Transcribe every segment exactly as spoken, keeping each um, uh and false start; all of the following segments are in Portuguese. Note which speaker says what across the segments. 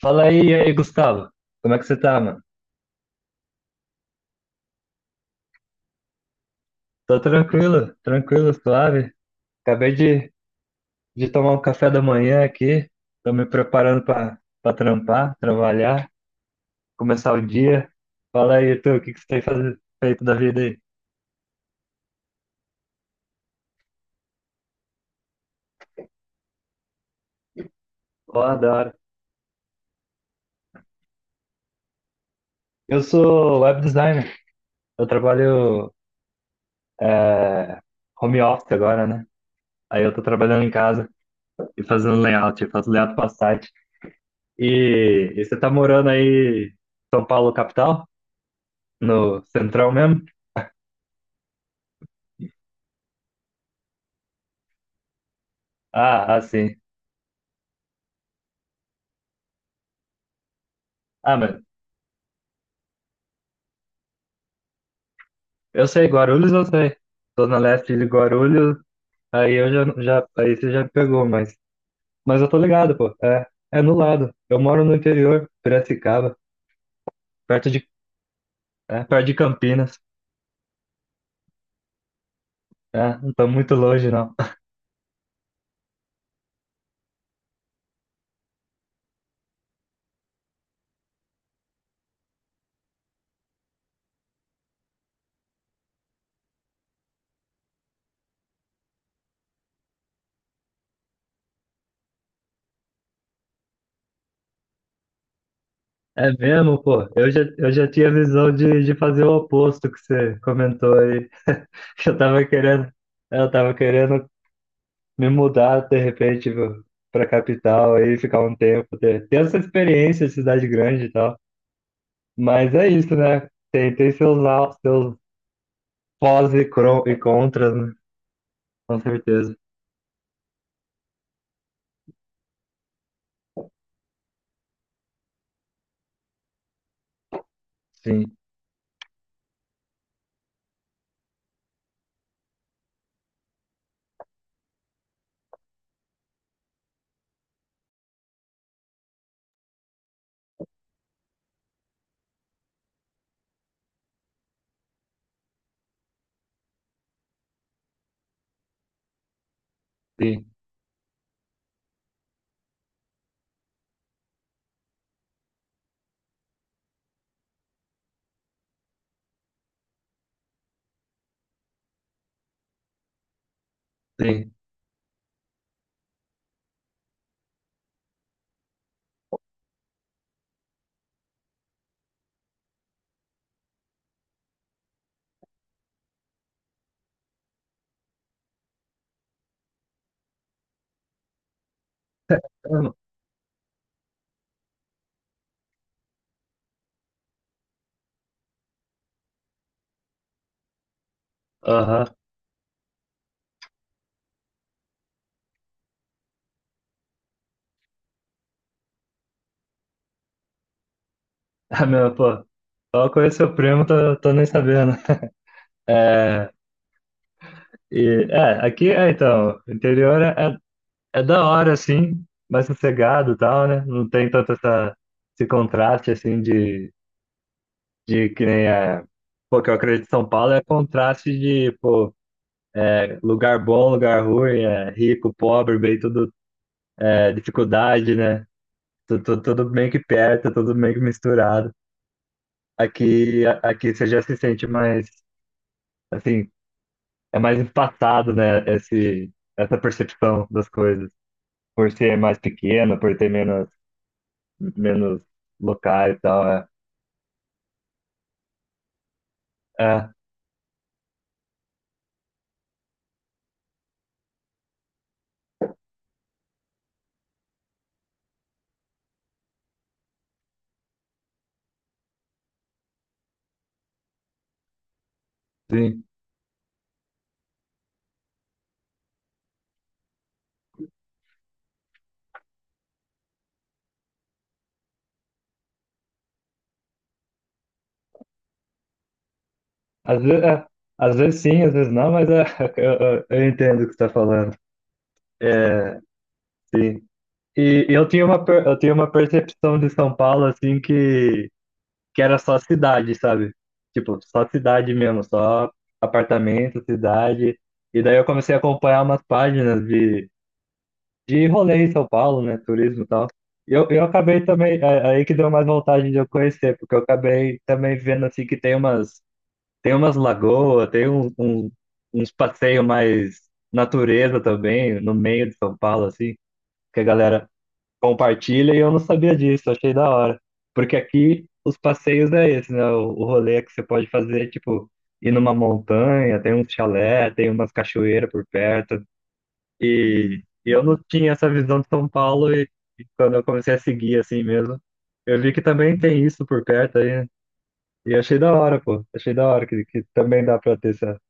Speaker 1: Fala aí, e aí, Gustavo. Como é que você tá, mano? Tô tranquilo, tranquilo, suave. Acabei de, de tomar um café da manhã aqui. Tô me preparando pra, pra trampar, trabalhar, começar o dia. Fala aí, tu, o que que você tem fazer, feito da vida aí? Ó, da hora. Eu sou web designer. Eu trabalho é, home office agora, né? Aí eu tô trabalhando em casa e fazendo layout. Eu faço layout pra site. E, e você tá morando aí em São Paulo, capital? No central mesmo? Ah, ah, sim. Ah, mas eu sei, Guarulhos eu sei. Zona Leste de Guarulhos, aí eu já, já, aí você já me pegou, mas, mas eu tô ligado, pô. É, é no lado. Eu moro no interior, Piracicaba, perto de, é, perto de Campinas. É, não tô muito longe, não. É mesmo, pô. Eu já, eu já tinha visão de, de fazer o oposto que você comentou aí. Eu tava querendo, é, eu tava querendo me mudar de repente, viu, pra capital aí, ficar um tempo, ter, ter essa experiência de cidade grande e tal. Mas é isso, né? Tem, tem seus, al- seus pós e, cron, e contras, né? Com certeza. Sim, sim, sim. Hum. Aham. Ah, meu, pô. Só conheço seu primo, tô, tô nem sabendo. É, e, é, aqui, é, então, o interior é, é da hora, assim, mais sossegado e tal, né? Não tem tanto essa, esse contraste, assim, de, de que nem é. Pô, que eu acredito em São Paulo é contraste de, pô, é, lugar bom, lugar ruim, é rico, pobre, bem, tudo é, dificuldade, né? Tudo, tudo meio que perto, tudo meio que misturado. Aqui, a- aqui você já se sente mais, assim, é mais empatado, né? Esse, essa percepção das coisas. Por ser mais pequeno, por ter menos, menos locais e tal. É, é sim. Às vezes, é, às vezes sim, às vezes não, mas é, eu, eu- eu entendo o que você está falando. É, sim. E eu tinha uma, per- eu tinha uma percepção de São Paulo, assim, que que era só cidade, sabe? Tipo, só cidade mesmo, só apartamento, cidade. E daí eu comecei a acompanhar umas páginas de, de rolê em São Paulo, né? Turismo e tal. E eu, eu acabei também, é- aí que deu mais vontade de eu conhecer, porque eu acabei também vendo assim que tem umas, tem umas lagoas, tem um, um- uns passeios mais natureza também, no meio de São Paulo, assim, que a galera compartilha e eu não sabia disso, achei da hora. Porque aqui os passeios é esse, né? O, o rolê que você pode fazer, é, tipo, ir numa montanha, tem um chalé, tem umas cachoeiras por perto. E, e eu não tinha essa visão de São Paulo e, e quando eu comecei a seguir assim mesmo, eu vi que também tem isso por perto aí. Né? E achei da hora, pô. Achei da hora que, que também dá pra ter essa,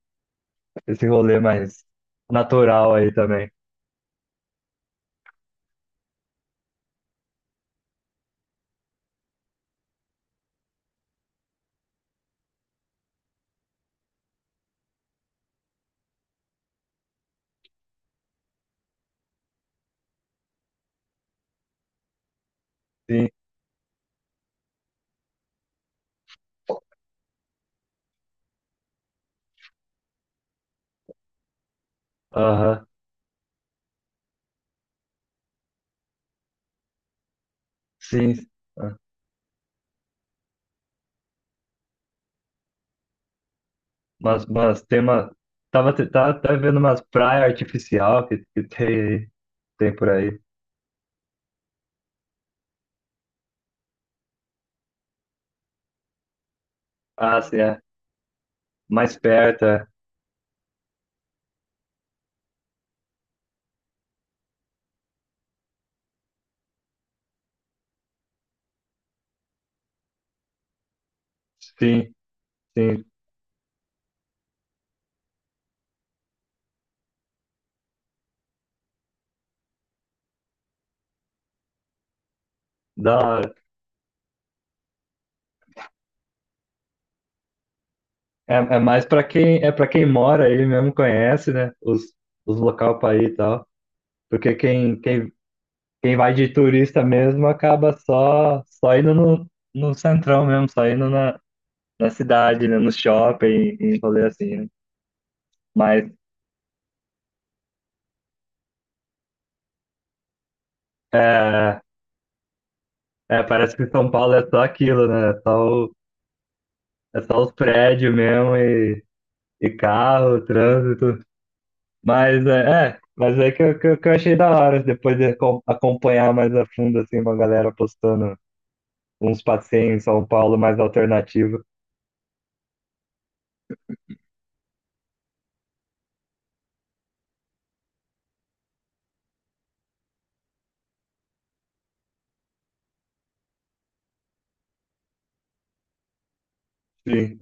Speaker 1: esse rolê mais natural aí também. Sim, aham, sim. Mas, mas tem uma. Tava, te- tá, tá vendo umas praias artificial que, que tem, tem por aí. Ah, sim, é. Mais perto, é. Sim, sim. Da hora. É, é mais pra quem, é para quem mora aí mesmo, conhece, né? Os, os local pra ir e tal. Porque quem, quem, quem vai de turista mesmo acaba só, só indo no, no centrão mesmo, só indo na, na cidade, né? No shopping, em rolê assim, né? Mas é, é, parece que São Paulo é só aquilo, né? Só o- é só os prédios mesmo e, e carro, trânsito. Mas é, é, mas é que, eu- que, eu- que eu achei da hora depois de acom- acompanhar mais a fundo assim uma galera postando uns passeios em São Paulo mais alternativo. Sim.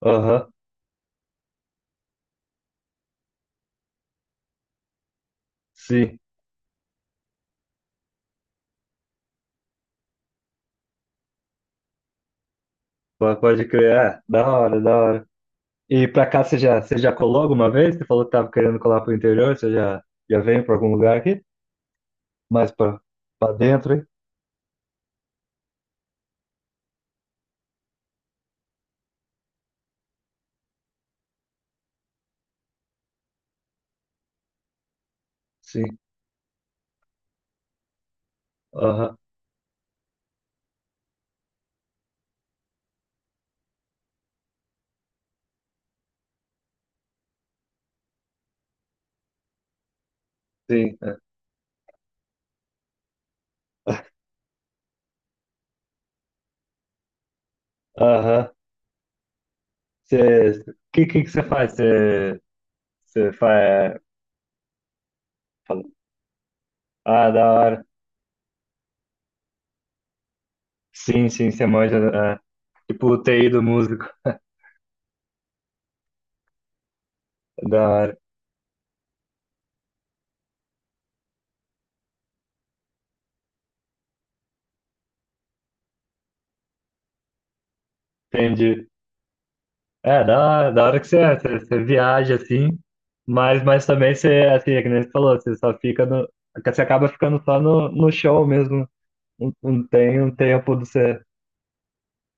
Speaker 1: Aham. Sim. Po- Pode crer. É, da hora, da hora. E pra cá você já, você já colou alguma vez? Você falou que tava querendo colar pro interior, você já, já veio pra algum lugar aqui? Mais pra, pra dentro, hein? Sim. Aham. Sim. É. Aham. Você, que que que você faz? Você, você faz, fala, ah, da hora. Sim, sim, você manja, é, tipo o T I do músico, da hora. Entendi. É, da hora, da hora que você, é, você, você viaja assim, mas, mas também você, assim, é que nem você falou, você só fica no, você acaba ficando só no, no show mesmo. Não, não tem um tempo de você,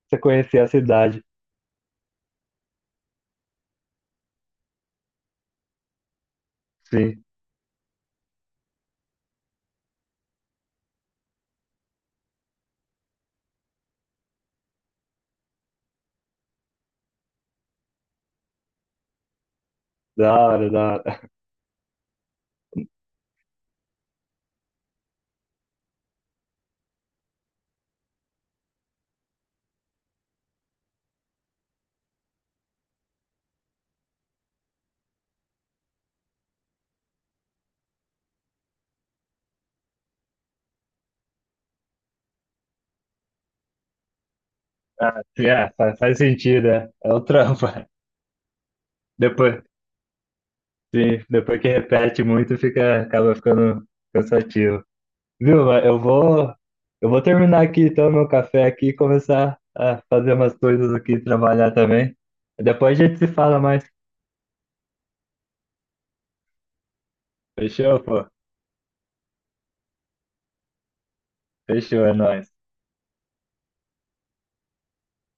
Speaker 1: você conhecer a cidade. Sim, da hora, da hora. É, faz, faz sentido, é, é o trampo. Depois, sim, depois que repete muito, fica, acaba ficando cansativo. Viu? Mas Eu vou, eu vou terminar aqui então meu café aqui e começar a fazer umas coisas aqui, trabalhar também. Depois a gente se fala mais. Fechou, pô? Fechou, é nóis.